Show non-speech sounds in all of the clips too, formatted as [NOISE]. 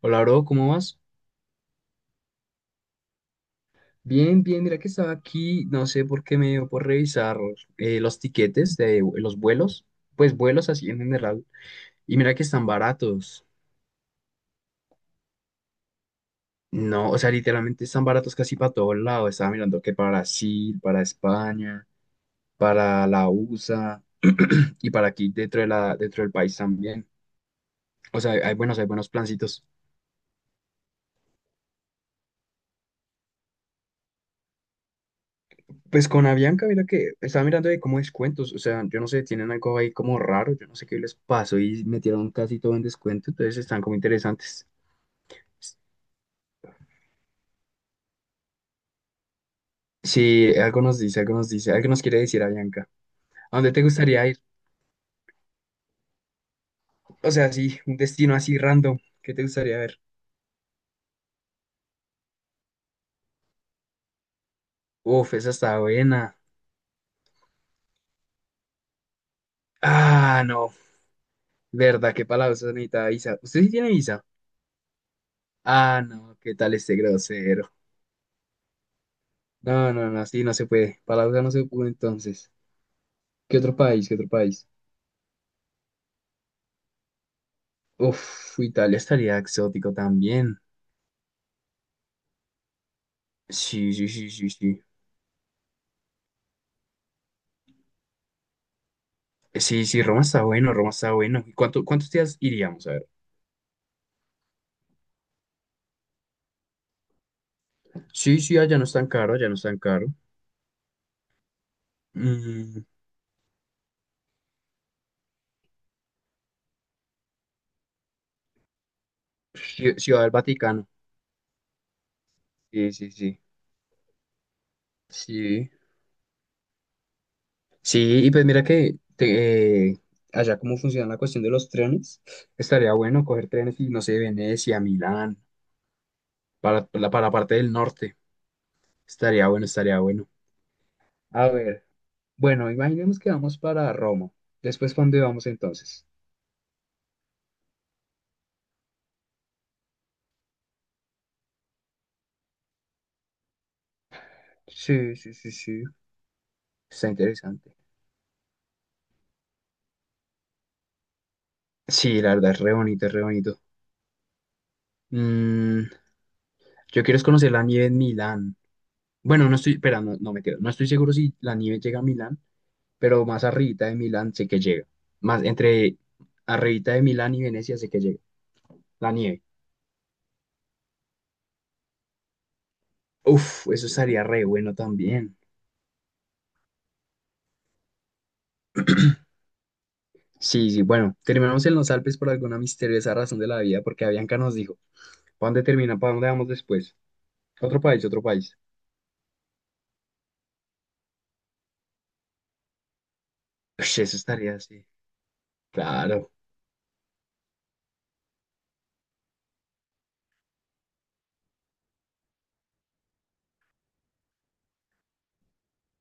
Hola, bro, ¿cómo vas? Bien, bien, mira que estaba aquí, no sé por qué me dio por revisar los tiquetes de los vuelos, pues vuelos así en general, y mira que están baratos. No, o sea, literalmente están baratos casi para todos lados. Estaba mirando que para Brasil, para España, para la USA y para aquí dentro del país también. O sea, hay buenos plancitos. Pues con Avianca, mira que estaba mirando de cómo descuentos, o sea, yo no sé, tienen algo ahí como raro, yo no sé qué les pasó y metieron casi todo en descuento, entonces están como interesantes. Sí, algo nos dice, algo nos dice, algo nos quiere decir Avianca. ¿A dónde te gustaría ir? O sea, sí, un destino así random, ¿qué te gustaría ver? Uf, esa está buena. Ah, no, verdad, qué palabras necesita visa. ¿Usted sí tiene visa? Ah, no, ¿qué tal este grosero? No, no, no, sí, no se puede. Palabras no se puede entonces. ¿Qué otro país? ¿Qué otro país? Uf, Italia estaría exótico también. Sí, sí, sí, sí, sí. Sí, sí, Roma está bueno, Roma está bueno. ¿Y cuánto, cuántos días iríamos? A ver. Sí, sí, allá no es tan caro, allá no es tan caro. Mm, Ciudad del Vaticano. Sí, sí, sí. Sí. Sí, y pues mira que allá cómo funciona la cuestión de los trenes. Estaría bueno coger trenes y no sé, Venecia, Milán, para la parte del norte. Estaría bueno, estaría bueno. A ver, bueno, imaginemos que vamos para Roma. Después, ¿para dónde vamos entonces? Sí, sí, sí, sí. Está interesante. Sí, la verdad, es re bonito, es re bonito. Mm, yo quiero es conocer la nieve en Milán. Bueno, no estoy, espera, no, no me quedo. No estoy seguro si la nieve llega a Milán, pero más arribita de Milán sé que llega. Más entre arribita de Milán y Venecia sé que llega. La nieve. Uf, eso estaría re bueno también. Sí, sí, bueno, terminamos en los Alpes por alguna misteriosa razón de la vida, porque Avianca nos dijo. ¿Para dónde termina? ¿Para dónde vamos después? Otro país, otro país. Ush, eso estaría así. Claro.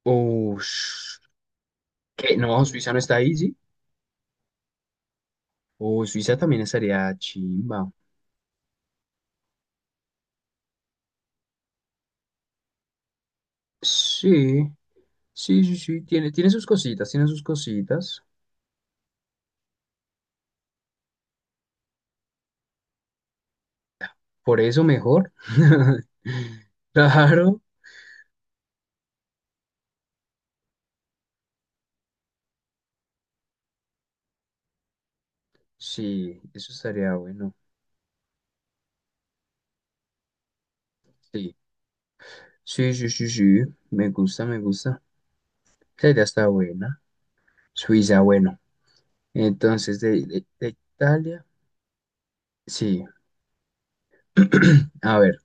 Ush. ¿Qué? No, Suiza no está ahí, ¿sí? O Suiza también estaría chimba. Sí, sí, sí, sí. Tiene sus cositas, tiene sus cositas. Por eso mejor. [LAUGHS] Claro. Sí, eso estaría bueno. Sí. Sí, sí, sí, sí. Me gusta, me gusta. Esa idea está buena. Suiza, bueno. Entonces, de Italia. Sí. [CLEARS THROAT] A ver,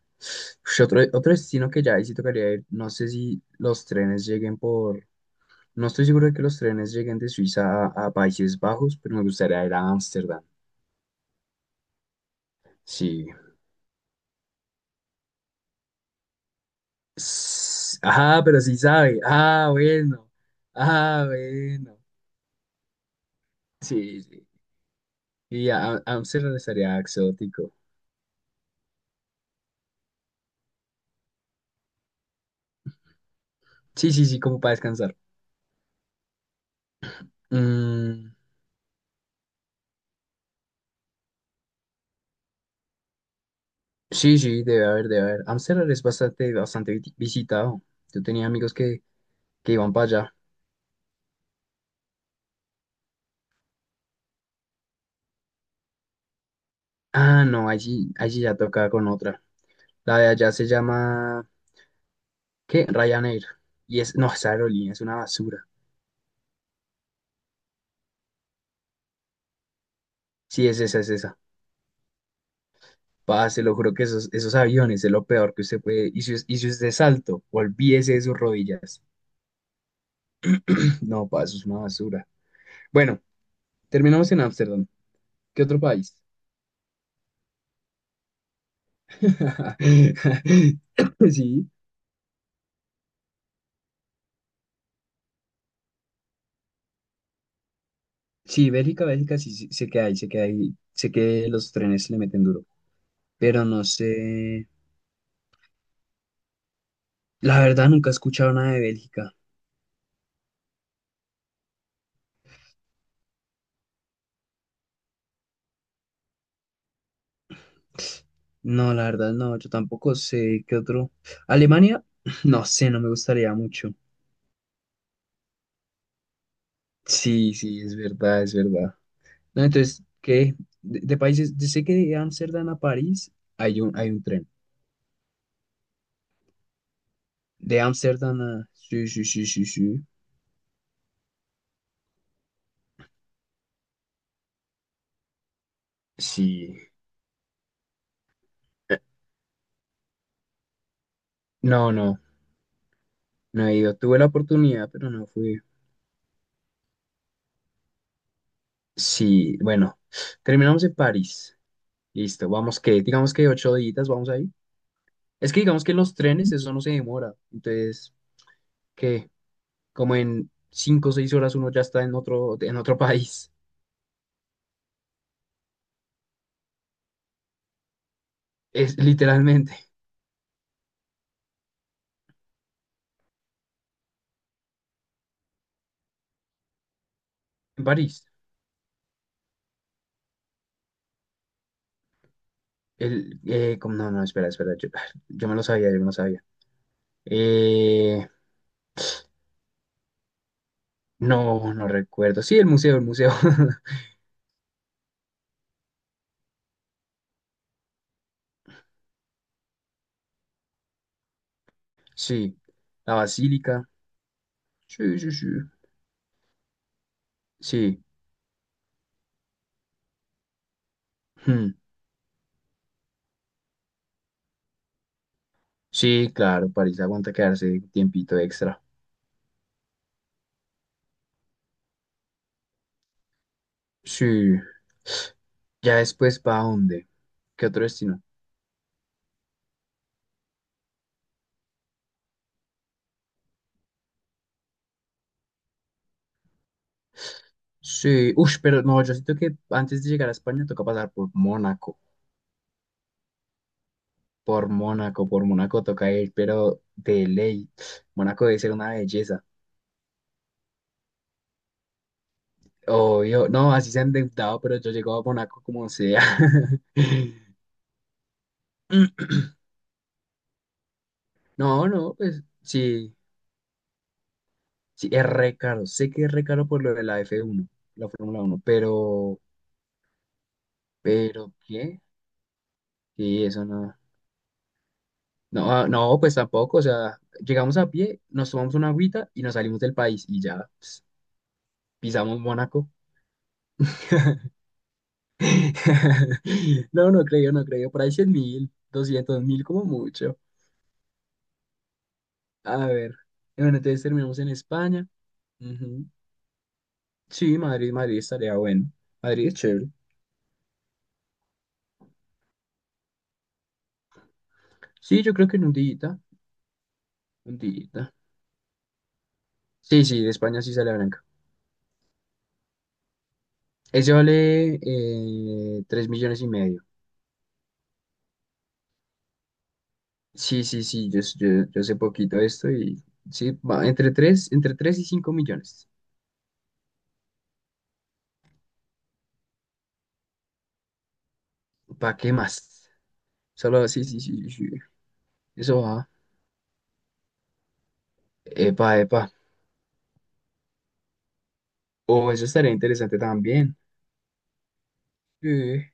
ush, otro destino que ya ahí sí tocaría ir, no sé si los trenes lleguen por, no estoy seguro de que los trenes lleguen de Suiza a Países Bajos, pero me gustaría ir a Ámsterdam. Sí. S- Ah, pero sí sabe. Ah, bueno. Ah, bueno. Sí, sí. Y Ámsterdam estaría exótico. Sí, sí, sí, como para descansar. Mm, sí, sí, debe haber, debe haber. Ámsterdam es bastante, bastante visitado. Yo tenía amigos que iban para allá. Ah, no, allí ya toca con otra. La de allá se llama, ¿qué? Ryanair. Y es, no, esa aerolínea es una basura. Sí, es esa, es esa. Pa, se lo juro que esos aviones es lo peor que usted puede. Y si usted es alto, olvídese de sus rodillas. [CLEARS THROAT] No, pa, eso es una basura. Bueno, terminamos en Ámsterdam. ¿Qué otro país? [LAUGHS] Sí, sí, Bélgica, Bélgica, sí, sí, sé que hay, sé que hay, sé que los trenes le meten duro. Pero no sé, la verdad nunca he escuchado nada de Bélgica. No, la verdad, no, yo tampoco sé qué otro. Alemania, [LAUGHS] no sé, no me gustaría mucho. Sí, sí, es verdad, es verdad. No, entonces, ¿qué? De países, yo sé que de Ámsterdam a París hay un tren. De Ámsterdam a... Sí, sí, sí, sí, sí. Sí. No, no, no he ido. Tuve la oportunidad, pero no fui. Sí, bueno, terminamos en París. Listo, vamos que, digamos que 8 días, vamos ahí. Es que digamos que los trenes, eso no se demora. Entonces, ¿qué? Como en 5 o 6 horas uno ya está en otro país. Es literalmente en París. El, como, no, no, espera, espera, yo, [LAUGHS] [SIGHS] yo me lo sabía, yo me lo sabía. Eh, no, no recuerdo. Sí, el museo, el museo. [LAUGHS] Sí, la basílica. Sí, sí, sí. Sí, hmm. Sí, claro, París aguanta quedarse tiempito extra. Sí. Ya después, ¿para dónde? ¿Qué otro destino? Sí, uff, pero no, yo siento que antes de llegar a España toca pasar por Mónaco, por Mónaco, por Mónaco toca ir, pero de ley. Mónaco debe ser una belleza. Obvio, no, así se han endeudado, pero yo llego a Mónaco como sea. [LAUGHS] No, no, pues sí, sí, es re caro. Sé que es re caro por lo de la F1, la Fórmula 1, pero, ¿qué? Sí, eso no. No, ah, no, pues tampoco, o sea, llegamos a pie, nos tomamos una agüita y nos salimos del país y ya. Pisamos Mónaco. [LAUGHS] No, no creo, no creo. Por ahí 100 mil, 200.000 como mucho. A ver. Y bueno, entonces terminamos en España. Ujú. Sí, Madrid, Madrid estaría bueno. Madrid es chévere. Sí, yo creo que en un día, un día. Sí, sí, de España sí sale blanca. Ese vale 3 millones y medio. Sí, sí, sí, yo sé poquito de esto y sí, va entre 3 y 5 millones. ¿Para qué más? Solo, sí, sí, sí, sí. Eso va. Epa, epa. Oh, eso estaría interesante también. Eh.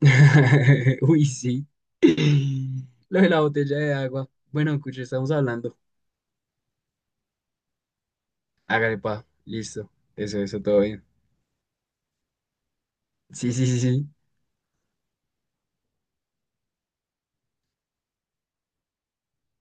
[LAUGHS] Uy, sí. Lo de la botella de agua. Bueno, escucha, estamos hablando. Hágale, pa. Listo. Eso, todo bien. Sí, sí, sí, sí.